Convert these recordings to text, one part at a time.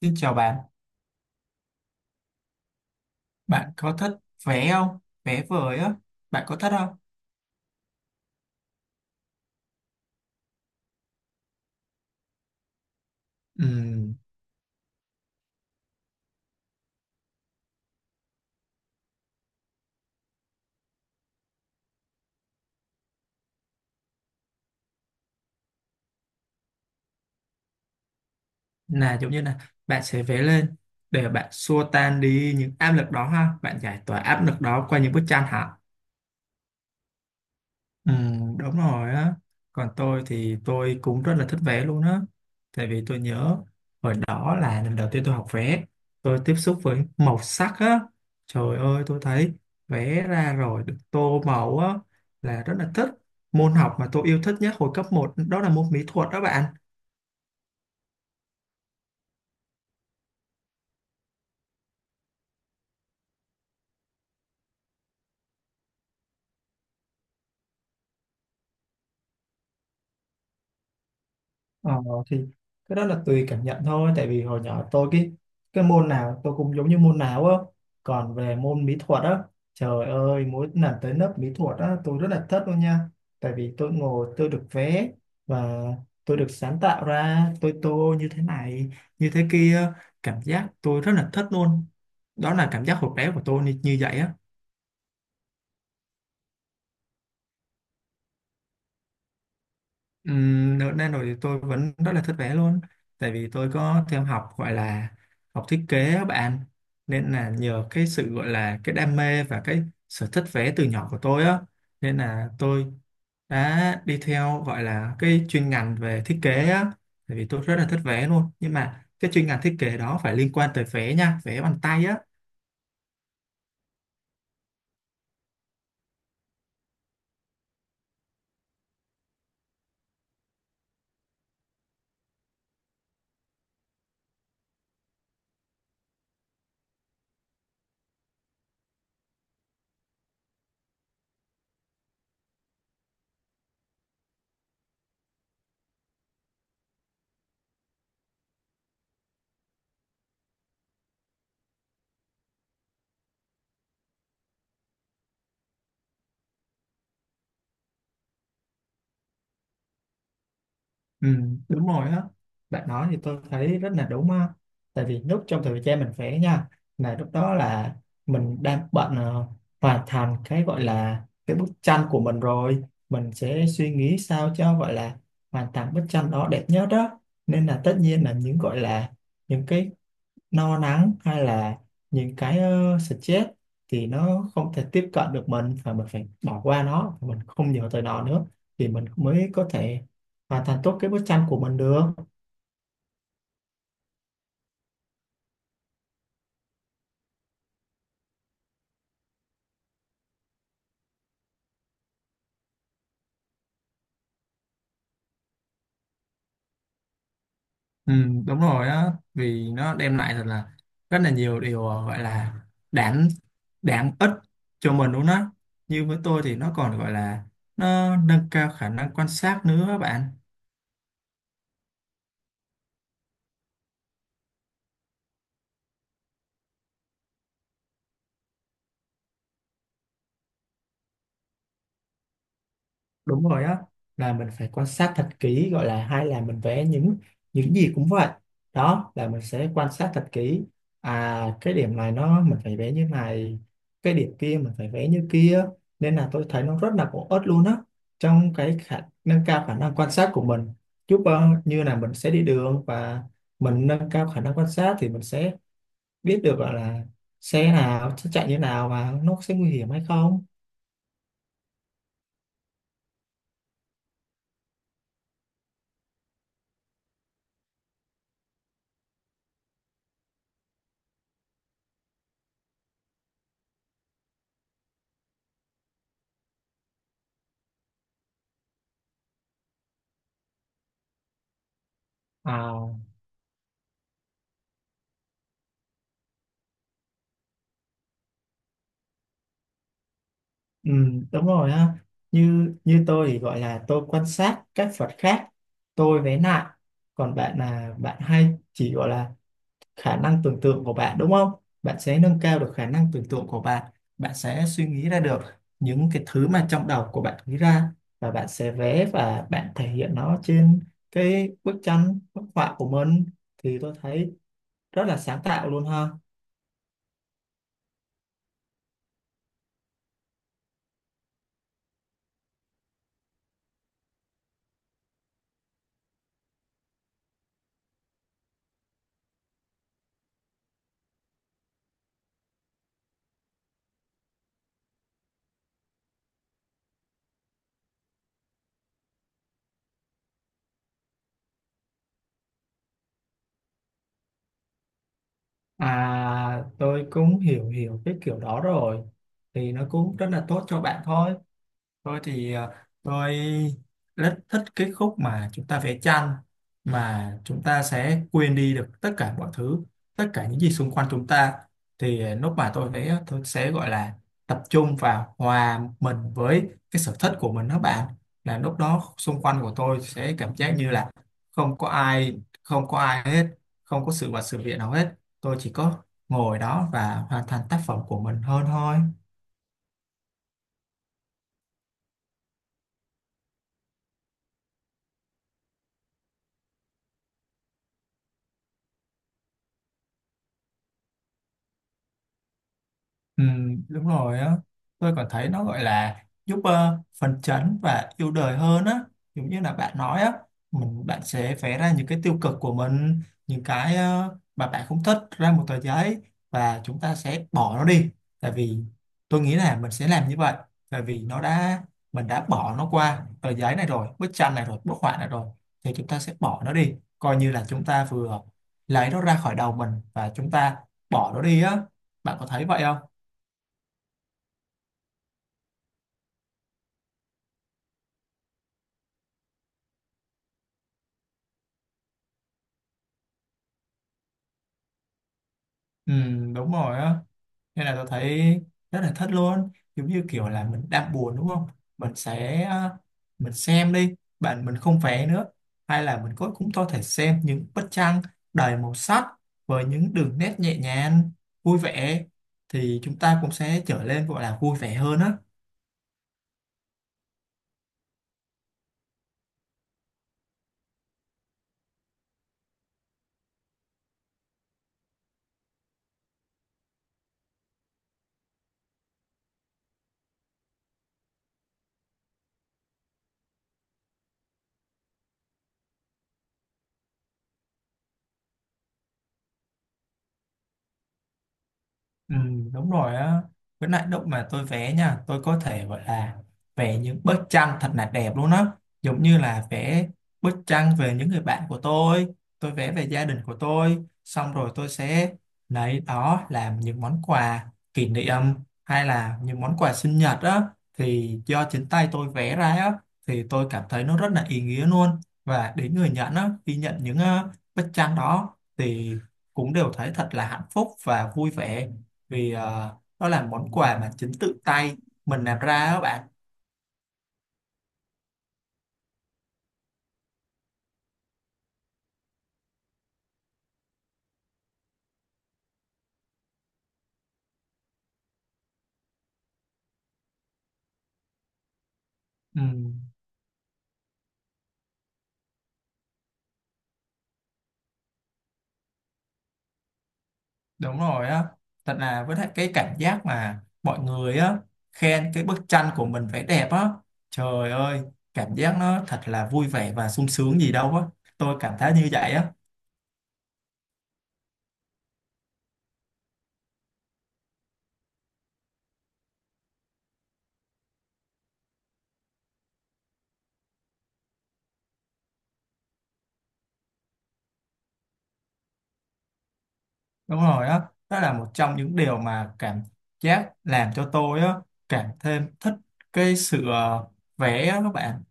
Xin chào bạn, bạn có thích vẽ không? Vẽ vời á, bạn có thích không? Ừm, là giống như là bạn sẽ vẽ lên để bạn xua tan đi những áp lực đó ha, bạn giải tỏa áp lực đó qua những bức tranh hả? Ừ, đúng rồi á. Còn tôi thì tôi cũng rất là thích vẽ luôn á. Tại vì tôi nhớ hồi đó là lần đầu tiên tôi học vẽ, tôi tiếp xúc với màu sắc á. Trời ơi, tôi thấy vẽ ra rồi được tô màu á là rất là thích. Môn học mà tôi yêu thích nhất hồi cấp một đó là môn mỹ thuật đó bạn. Ờ, thì cái đó là tùy cảm nhận thôi. Tại vì hồi nhỏ tôi cái môn nào tôi cũng giống như môn nào á, còn về môn mỹ thuật á, trời ơi, mỗi lần tới lớp mỹ thuật á tôi rất là thích luôn nha. Tại vì tôi ngồi tôi được vẽ và tôi được sáng tạo ra, tôi tô như thế này như thế kia, cảm giác tôi rất là thích luôn. Đó là cảm giác hồi bé của tôi như vậy á. Ở Đà Nội thì tôi vẫn rất là thích vẽ luôn, tại vì tôi có theo học gọi là học thiết kế á bạn. Nên là nhờ cái sự gọi là cái đam mê và cái sở thích vẽ từ nhỏ của tôi á, nên là tôi đã đi theo gọi là cái chuyên ngành về thiết kế á. Tại vì tôi rất là thích vẽ luôn, nhưng mà cái chuyên ngành thiết kế đó phải liên quan tới vẽ nha, vẽ bằng tay á. Ừ, đúng rồi á, bạn nói thì tôi thấy rất là đúng á. Tại vì lúc trong thời gian mình vẽ nha, là lúc đó là mình đang bận hoàn thành cái gọi là cái bức tranh của mình rồi, mình sẽ suy nghĩ sao cho gọi là hoàn thành bức tranh đó đẹp nhất đó. Nên là tất nhiên là những gọi là những cái no nắng hay là những cái stress thì nó không thể tiếp cận được mình, và mình phải bỏ qua nó, mình không nhớ tới nó nữa thì mình mới có thể hoàn thành tốt cái bức tranh của mình được. Ừ, đúng rồi á, vì nó đem lại thật là rất là nhiều điều gọi là đáng đáng ích cho mình luôn á. Như với tôi thì nó còn gọi là nó nâng cao khả năng quan sát nữa các bạn. Đúng rồi á, là mình phải quan sát thật kỹ, gọi là hay là mình vẽ những gì cũng vậy, đó là mình sẽ quan sát thật kỹ. À, cái điểm này nó mình phải vẽ như này, cái điểm kia mình phải vẽ như kia, nên là tôi thấy nó rất là bổ ích luôn á, trong cái khả nâng cao khả năng quan sát của mình. Giúp như là mình sẽ đi đường và mình nâng cao khả năng quan sát thì mình sẽ biết được gọi là xe nào sẽ chạy như nào và nó sẽ nguy hiểm hay không. À, ừ, đúng rồi ha. Như như tôi thì gọi là tôi quan sát các Phật khác, tôi vẽ lại. Còn bạn là bạn hay chỉ gọi là khả năng tưởng tượng của bạn đúng không? Bạn sẽ nâng cao được khả năng tưởng tượng của bạn. Bạn sẽ suy nghĩ ra được những cái thứ mà trong đầu của bạn nghĩ ra, và bạn sẽ vẽ và bạn thể hiện nó trên cái bức tranh, bức họa của mình, thì tôi thấy rất là sáng tạo luôn ha. À, tôi cũng hiểu hiểu cái kiểu đó rồi, thì nó cũng rất là tốt cho bạn thôi. Tôi thì tôi rất thích cái khúc mà chúng ta vẽ tranh mà chúng ta sẽ quên đi được tất cả mọi thứ, tất cả những gì xung quanh chúng ta. Thì lúc mà tôi vẽ tôi sẽ gọi là tập trung vào hòa mình với cái sở thích của mình đó bạn. Là lúc đó xung quanh của tôi sẽ cảm giác như là không có ai, không có ai hết, không có sự vật sự việc nào hết. Tôi chỉ có ngồi đó và hoàn thành tác phẩm của mình hơn thôi. Ừ, đúng rồi á, tôi còn thấy nó gọi là giúp phấn chấn và yêu đời hơn á. Giống như là bạn nói á, mình bạn sẽ vẽ ra những cái tiêu cực của mình, những cái mà bạn không thích ra một tờ giấy và chúng ta sẽ bỏ nó đi. Tại vì tôi nghĩ là mình sẽ làm như vậy, tại vì nó đã mình đã bỏ nó qua tờ giấy này rồi, bức tranh này rồi, bức họa này rồi, thì chúng ta sẽ bỏ nó đi, coi như là chúng ta vừa lấy nó ra khỏi đầu mình và chúng ta bỏ nó đi á. Bạn có thấy vậy không? Ừ, đúng rồi á, nên là tôi thấy rất là thích luôn. Giống như kiểu là mình đang buồn đúng không, mình sẽ mình xem đi bạn, mình không vẽ nữa, hay là mình có cũng có thể xem những bức tranh đầy màu sắc với những đường nét nhẹ nhàng, vui vẻ, thì chúng ta cũng sẽ trở nên gọi là vui vẻ hơn á. Ừ, đúng rồi á, với lại lúc mà tôi vẽ nha tôi có thể gọi là vẽ những bức tranh thật là đẹp luôn á. Giống như là vẽ bức tranh về những người bạn của tôi vẽ về gia đình của tôi, xong rồi tôi sẽ lấy đó làm những món quà kỷ niệm hay là những món quà sinh nhật á, thì do chính tay tôi vẽ ra á, thì tôi cảm thấy nó rất là ý nghĩa luôn. Và đến người nhận á khi nhận những bức tranh đó thì cũng đều thấy thật là hạnh phúc và vui vẻ, vì nó là món quà mà chính tự tay mình làm ra đó bạn. Ừ, đúng rồi á, thật là với lại cái cảm giác mà mọi người á khen cái bức tranh của mình vẽ đẹp á, trời ơi, cảm giác nó thật là vui vẻ và sung sướng gì đâu á, tôi cảm thấy như vậy á. Đúng rồi á, đó là một trong những điều mà cảm giác làm cho tôi á cảm thêm thích cái sự vẽ á các bạn.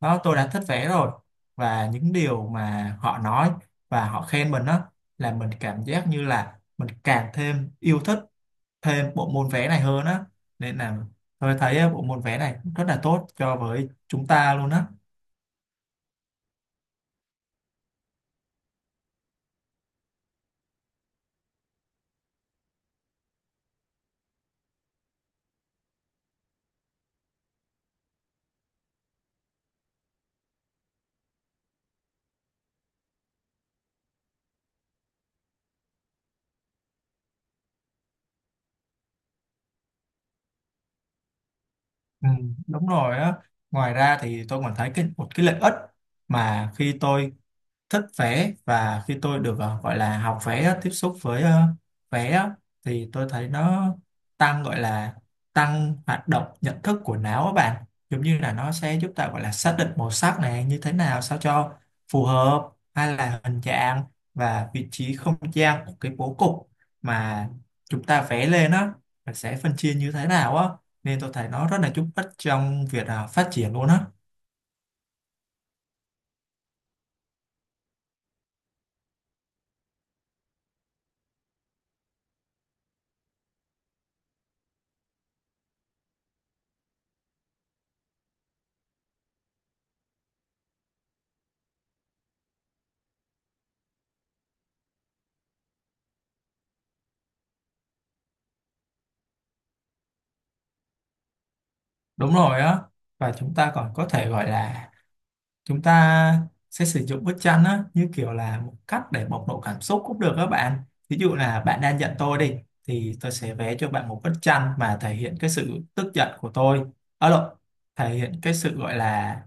Đó, tôi đã thích vẽ rồi và những điều mà họ nói và họ khen mình đó, là mình cảm giác như là mình càng thêm yêu thích thêm bộ môn vẽ này hơn á. Nên là tôi thấy á, bộ môn vẽ này rất là tốt cho với chúng ta luôn á. Ừ, đúng rồi á, ngoài ra thì tôi còn thấy cái, một cái lợi ích mà khi tôi thích vẽ và khi tôi được gọi là học vẽ tiếp xúc với vẽ, thì tôi thấy nó tăng gọi là tăng hoạt động nhận thức của não á bạn. Giống như là nó sẽ giúp ta gọi là xác định màu sắc này như thế nào sao cho phù hợp, hay là hình dạng và vị trí không gian của cái bố cục mà chúng ta vẽ lên á, mình sẽ phân chia như thế nào á, nên tôi thấy nó rất là giúp ích trong việc phát triển luôn á. Đúng rồi á, và chúng ta còn có thể gọi là chúng ta sẽ sử dụng bức tranh á, như kiểu là một cách để bộc lộ cảm xúc cũng được các bạn. Ví dụ là bạn đang giận tôi đi, thì tôi sẽ vẽ cho bạn một bức tranh mà thể hiện cái sự tức giận của tôi, ở lộn, thể hiện cái sự gọi là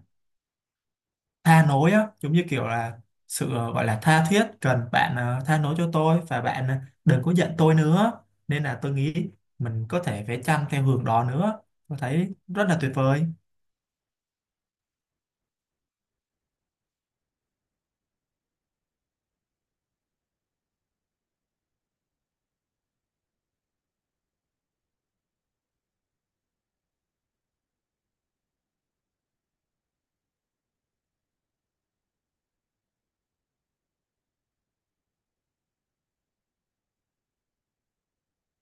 tha lỗi á, giống như kiểu là sự gọi là tha thiết cần bạn tha lỗi cho tôi và bạn đừng có giận tôi nữa. Nên là tôi nghĩ mình có thể vẽ tranh theo hướng đó nữa, tôi thấy rất là tuyệt vời.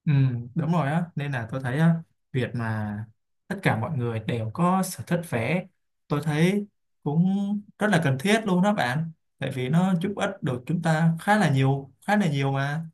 Ừ, đúng rồi á, nên là tôi thấy á việc mà tất cả mọi người đều có sở thích vẽ, tôi thấy cũng rất là cần thiết luôn đó bạn. Tại vì nó giúp ích được chúng ta khá là nhiều, khá là nhiều mà.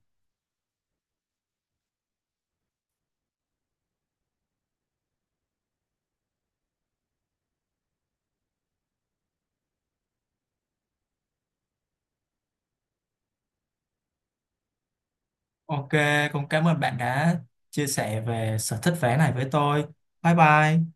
OK, cũng cảm ơn bạn đã chia sẻ về sở thích vẽ này với tôi. Bye bye.